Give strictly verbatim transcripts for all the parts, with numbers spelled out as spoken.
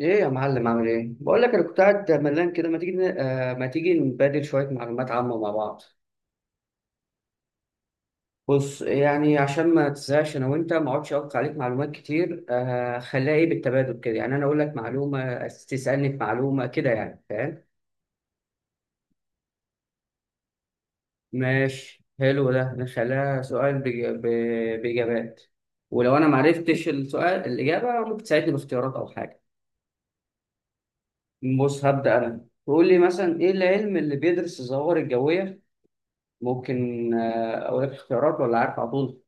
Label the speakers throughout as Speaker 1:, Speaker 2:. Speaker 1: ايه يا معلم، عامل ايه؟ بقول لك انا كنت قاعد ملان كده، ما تيجي ن- آه ما تيجي نبادل شويه معلومات عامه مع بعض؟ بص يعني عشان ما تزهقش انا وانت ما اقعدش اقطع عليك معلومات كتير، آه خليها ايه بالتبادل كده، يعني انا اقول لك معلومه تسالني في معلومه كده، يعني فاهم؟ ماشي، حلو، ده نخليها سؤال بج- ب- باجابات. ولو انا ما عرفتش السؤال، الاجابه ممكن تساعدني باختيارات او حاجه. بص هبدا انا، تقول لي مثلا، ايه العلم اللي بيدرس الظواهر الجويه؟ ممكن آه، أقول لك اختيارات، ولا عارف على طول؟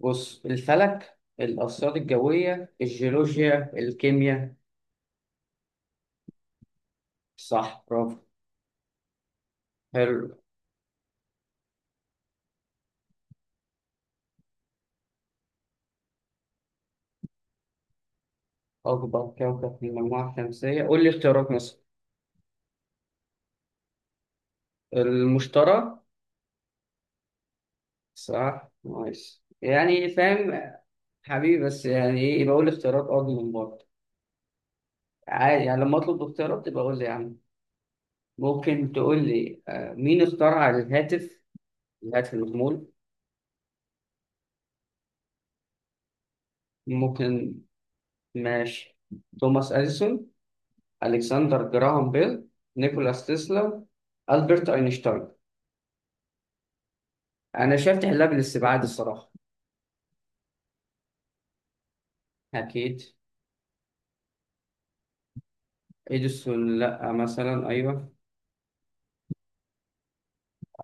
Speaker 1: بص، الفلك، الأرصاد الجوية، الجيولوجيا، الكيمياء. صح، برافو. حلو. أكبر كوكب في المجموعة الشمسية؟ قول لي اختيارات مثلا. المشتري. صح، نايس، يعني فاهم. حبيبي، بس يعني إيه؟ يبقى قول لي اختيارات أرض من برضه. عادي، يعني لما أطلب اختيارات تبقى قول لي يا عم. ممكن تقول لي آه، مين اخترع الهاتف؟ الهاتف المحمول. ممكن. ماشي. توماس أديسون، ألكسندر جراهام بيل، نيكولاس تسلا، ألبرت أينشتاين. أنا شايف تحلها بالاستبعاد الصراحة. أكيد. إديسون لأ مثلا، أيوه.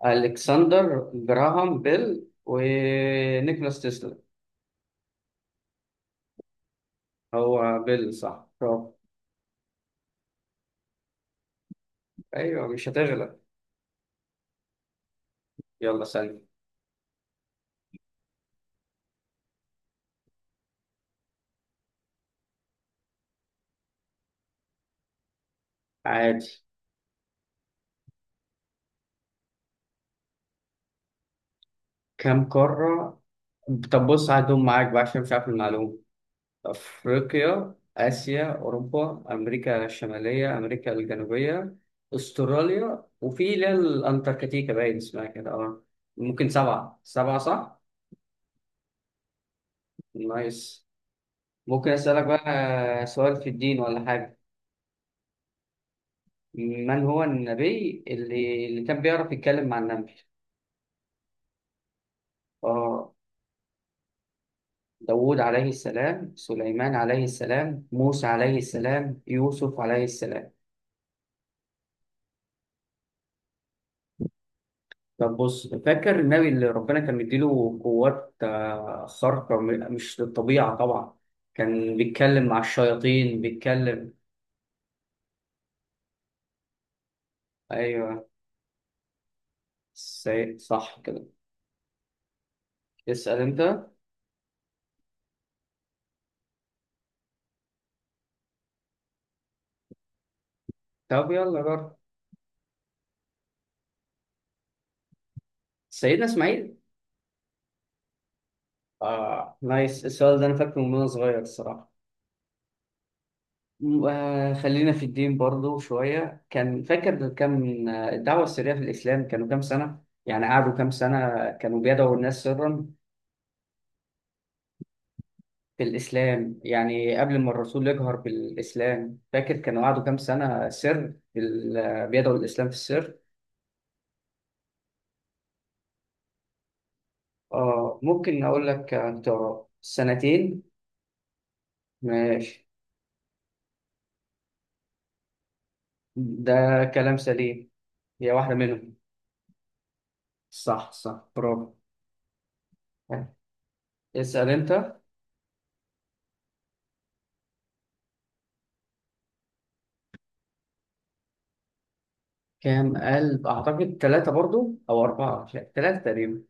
Speaker 1: ألكسندر جراهام بيل ونيكولاس تسلا. هو بيل، صح، برافو. أيوه، مش هتغلب. يلا، سلام. عادي. كم قارة. طب بص، هدوم معاك بقى، عشان مش عارف المعلومة. أفريقيا، آسيا، أوروبا، أمريكا الشمالية، أمريكا الجنوبية، أستراليا، وفي اللي هي الأنتاركتيكا، باين اسمها كده. أه، ممكن سبعة. سبعة صح؟ نايس. ممكن أسألك بقى سؤال في الدين ولا حاجة؟ من هو النبي اللي, اللي كان بيعرف يتكلم مع النبي؟ أه، داوود عليه السلام، سليمان عليه السلام، موسى عليه السلام، يوسف عليه السلام. طب بص، فاكر النبي اللي ربنا كان مديله قوات آه، خارقة، م- مش للطبيعة طبعا، كان بيتكلم مع الشياطين، بيتكلم. أيوه. سي... صح كده. اسأل أنت. طب يلا جرب. سيدنا إسماعيل. آه، نايس، السؤال ده أنا فاكره من وأنا صغير الصراحة. م- آه خلينا في الدين برضو شوية. كان فاكر كم، آه، الدعوة السرية في الإسلام كانوا كام سنة؟ يعني قعدوا كام سنة كانوا بيدعوا الناس سرا؟ في الإسلام يعني قبل ما الرسول يجهر بالإسلام، فاكر كان وعده كام سنة سر بال- بيدعو الإسلام في السر؟ آه، ممكن أقول لك اختيارات. سنتين. ماشي. ده كلام سليم. هي واحدة منهم. صح، صح، برافو. اسأل أنت. كام قلب؟ أعتقد ثلاثة برضو أو أربعة، مش عارف. ثلاثة تقريبا.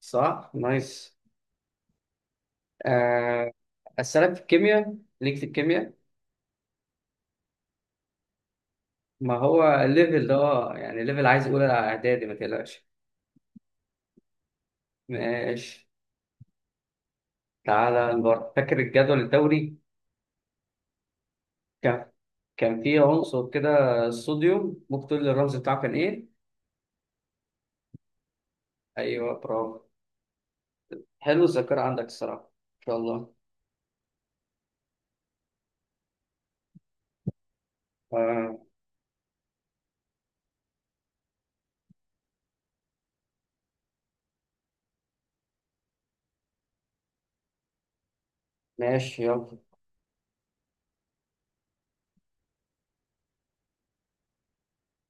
Speaker 1: صح، نايس. آه، أسألك في الكيمياء؟ ليك في الكيمياء. ما هو ليفل ده اه، يعني ليفل عايز اولى اعدادي، ما تقلقش. ماشي، تعالى نجرب. فاكر الجدول الدوري؟ كان كان فيه عنصر كده، الصوديوم، ممكن تقول لي الرمز بتاعه كان ايه؟ ايوه، برافو. حلو الذاكره عندك الصراحه، ان شاء الله. آه. ماشي، يلا.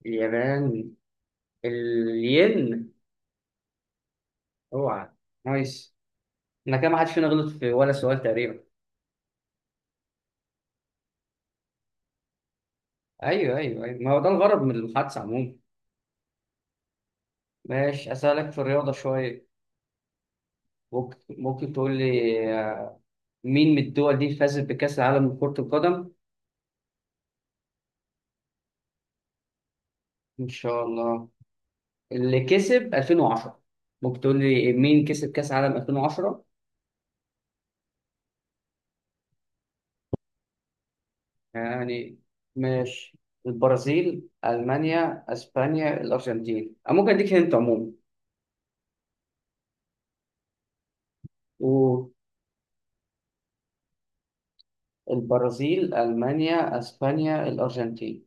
Speaker 1: اليابان. الين. اوعى. نايس. احنا كده ما حدش فينا غلط في ولا سؤال تقريبا. ايوه ايوه ايوه، ما هو ده الغرض من المحادثه عموما. ماشي، اسالك في الرياضه شويه. ممكن ممكن تقول لي، آه، مين من الدول دي فازت بكأس العالم لكرة القدم؟ إن شاء الله. اللي كسب ألفين وعشرة، ممكن تقول لي مين كسب كأس العالم ألفين وعشرة؟ يعني. ماشي. البرازيل، ألمانيا، أسبانيا، الأرجنتين. أو ممكن أديك هنت عموما. والبرازيل، ألمانيا، أسبانيا، الأرجنتين.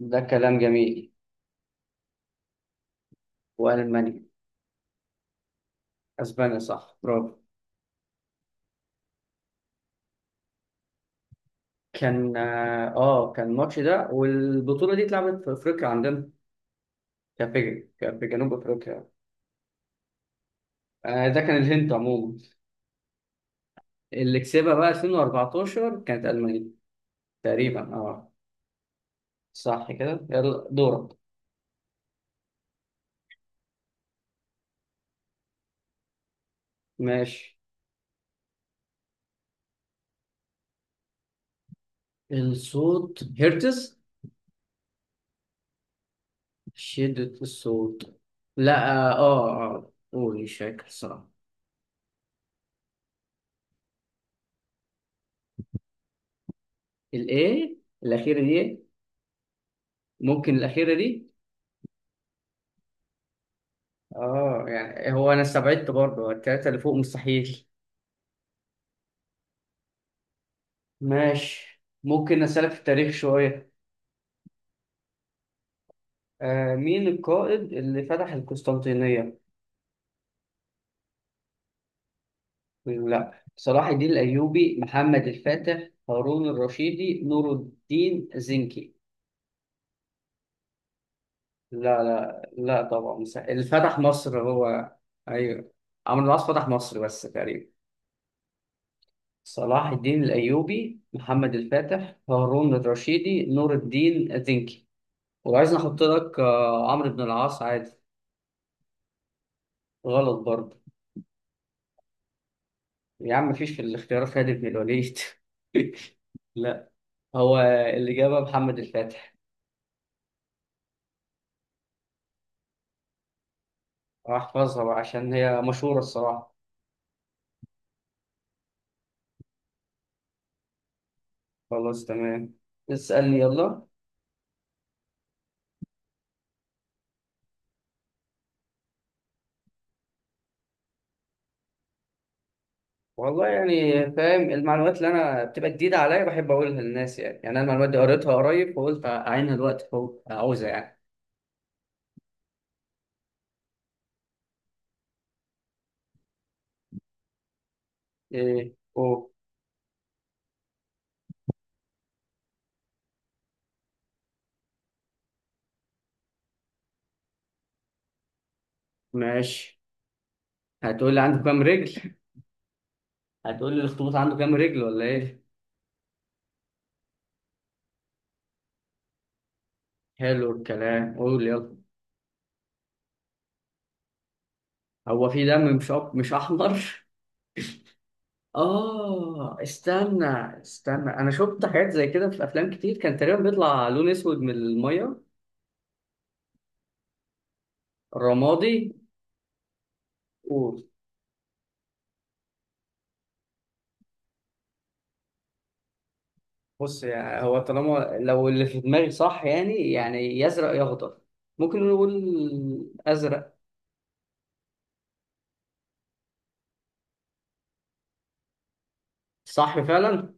Speaker 1: ده كلام جميل. وألمانيا. أسبانيا، صح، برافو. كان آه آه، كان الماتش ده والبطولة دي اتلعبت في أفريقيا عندنا. كان في كان في جنوب أفريقيا. آه، ده كان الهند عموما. اللي كسبها بقى ألفين واربعتاشر كانت ألمانيا، تقريبا اه. صح كده، يلا دورك. ماشي. الصوت هرتز. شدة الصوت. لا اه اه آه. قول، مش فاكر الصراحة. الايه الأخيرة دي. ممكن الأخيرة دي. اه يعني هو أنا استبعدت برضه التلاتة اللي فوق مستحيل. ماشي. ممكن أسألك في التاريخ شوية؟ آه، مين القائد اللي فتح القسطنطينية؟ لا، صلاح الدين الأيوبي، محمد الفاتح، هارون الرشيدي، نور الدين زنكي. لا لا لا طبعا، مس- اللي فتح مصر هو. أيوه. عمرو العاص فتح مصر بس تقريبا. صلاح الدين الأيوبي، محمد الفاتح، هارون الرشيدي، نور الدين زنكي. وعايز نحط لك آه، عمرو بن العاص عادي. غلط برضه. يا عم مفيش في الاختيارات خالد بن الوليد. لا. هو الإجابة محمد الفاتح. أحفظها بقى عشان هي مشهورة الصراحة. خلاص، تمام. اسألني يلا. والله يعني فاهم، المعلومات اللي أنا بتبقى جديدة عليا بحب أقولها للناس. يعني يعني أنا المعلومات دي قريتها قريب، فقلت أعينها دلوقتي فوق عاوزها يعني. إيه أوه. ماشي. هتقول لي عنده كام رجل؟ هتقول لي الأخطبوط عنده كام رجل ولا إيه؟ حلو الكلام، قول يلا. هو في دم مش أب... مش أحمر؟ آه استنى، استنى. أنا شفت حاجات زي كده في أفلام كتير، كان تقريبا بيطلع لون أسود من المية. رمادي. قول. بص يعني هو طالما لو اللي في دماغي صح، يعني يعني يا ازرق يا اخضر. ممكن نقول ازرق. صح فعلا.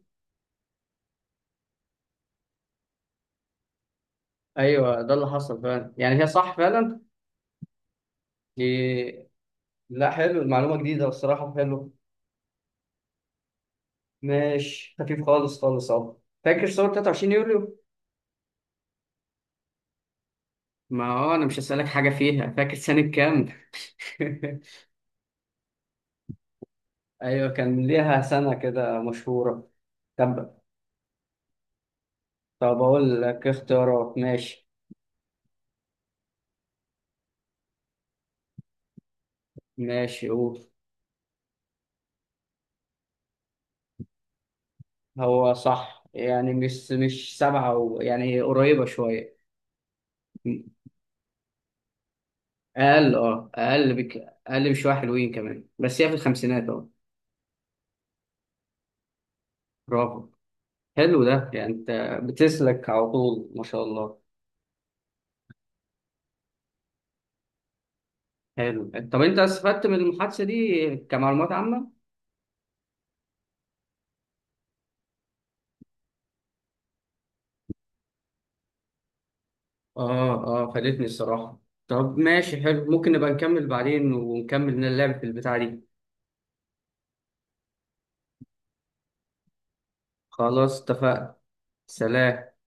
Speaker 1: ايوه، ده اللي حصل فعلا، يعني هي صح فعلا. دي- لا، حلو المعلومه جديده الصراحه، حلو. ماشي، خفيف خالص خالص اهو. فاكر صور ثلاثة وعشرين يوليو؟ ما هو انا مش هسألك حاجه فيها، فاكر سنه كام؟ ايوه، كان ليها سنه كده مشهوره. طب طب اقول لك اختيارات. ماشي. ماشي، قول. هو صح، يعني مش مش سبعة و... يعني قريبة شوية. أقل، أه أقل بك. أقل بشوية حلوين كمان، بس هي في الخمسينات أه. برافو. حلو ده، يعني أنت بتسلك على طول، ما شاء الله. حلو. طب أنت استفدت من المحادثة دي كمعلومات عامة؟ أه. أه، فادتني الصراحة. طب ماشي، حلو. ممكن نبقى نكمل بعدين ونكمل اللعب في البتاع دي. خلاص اتفقنا. سلام.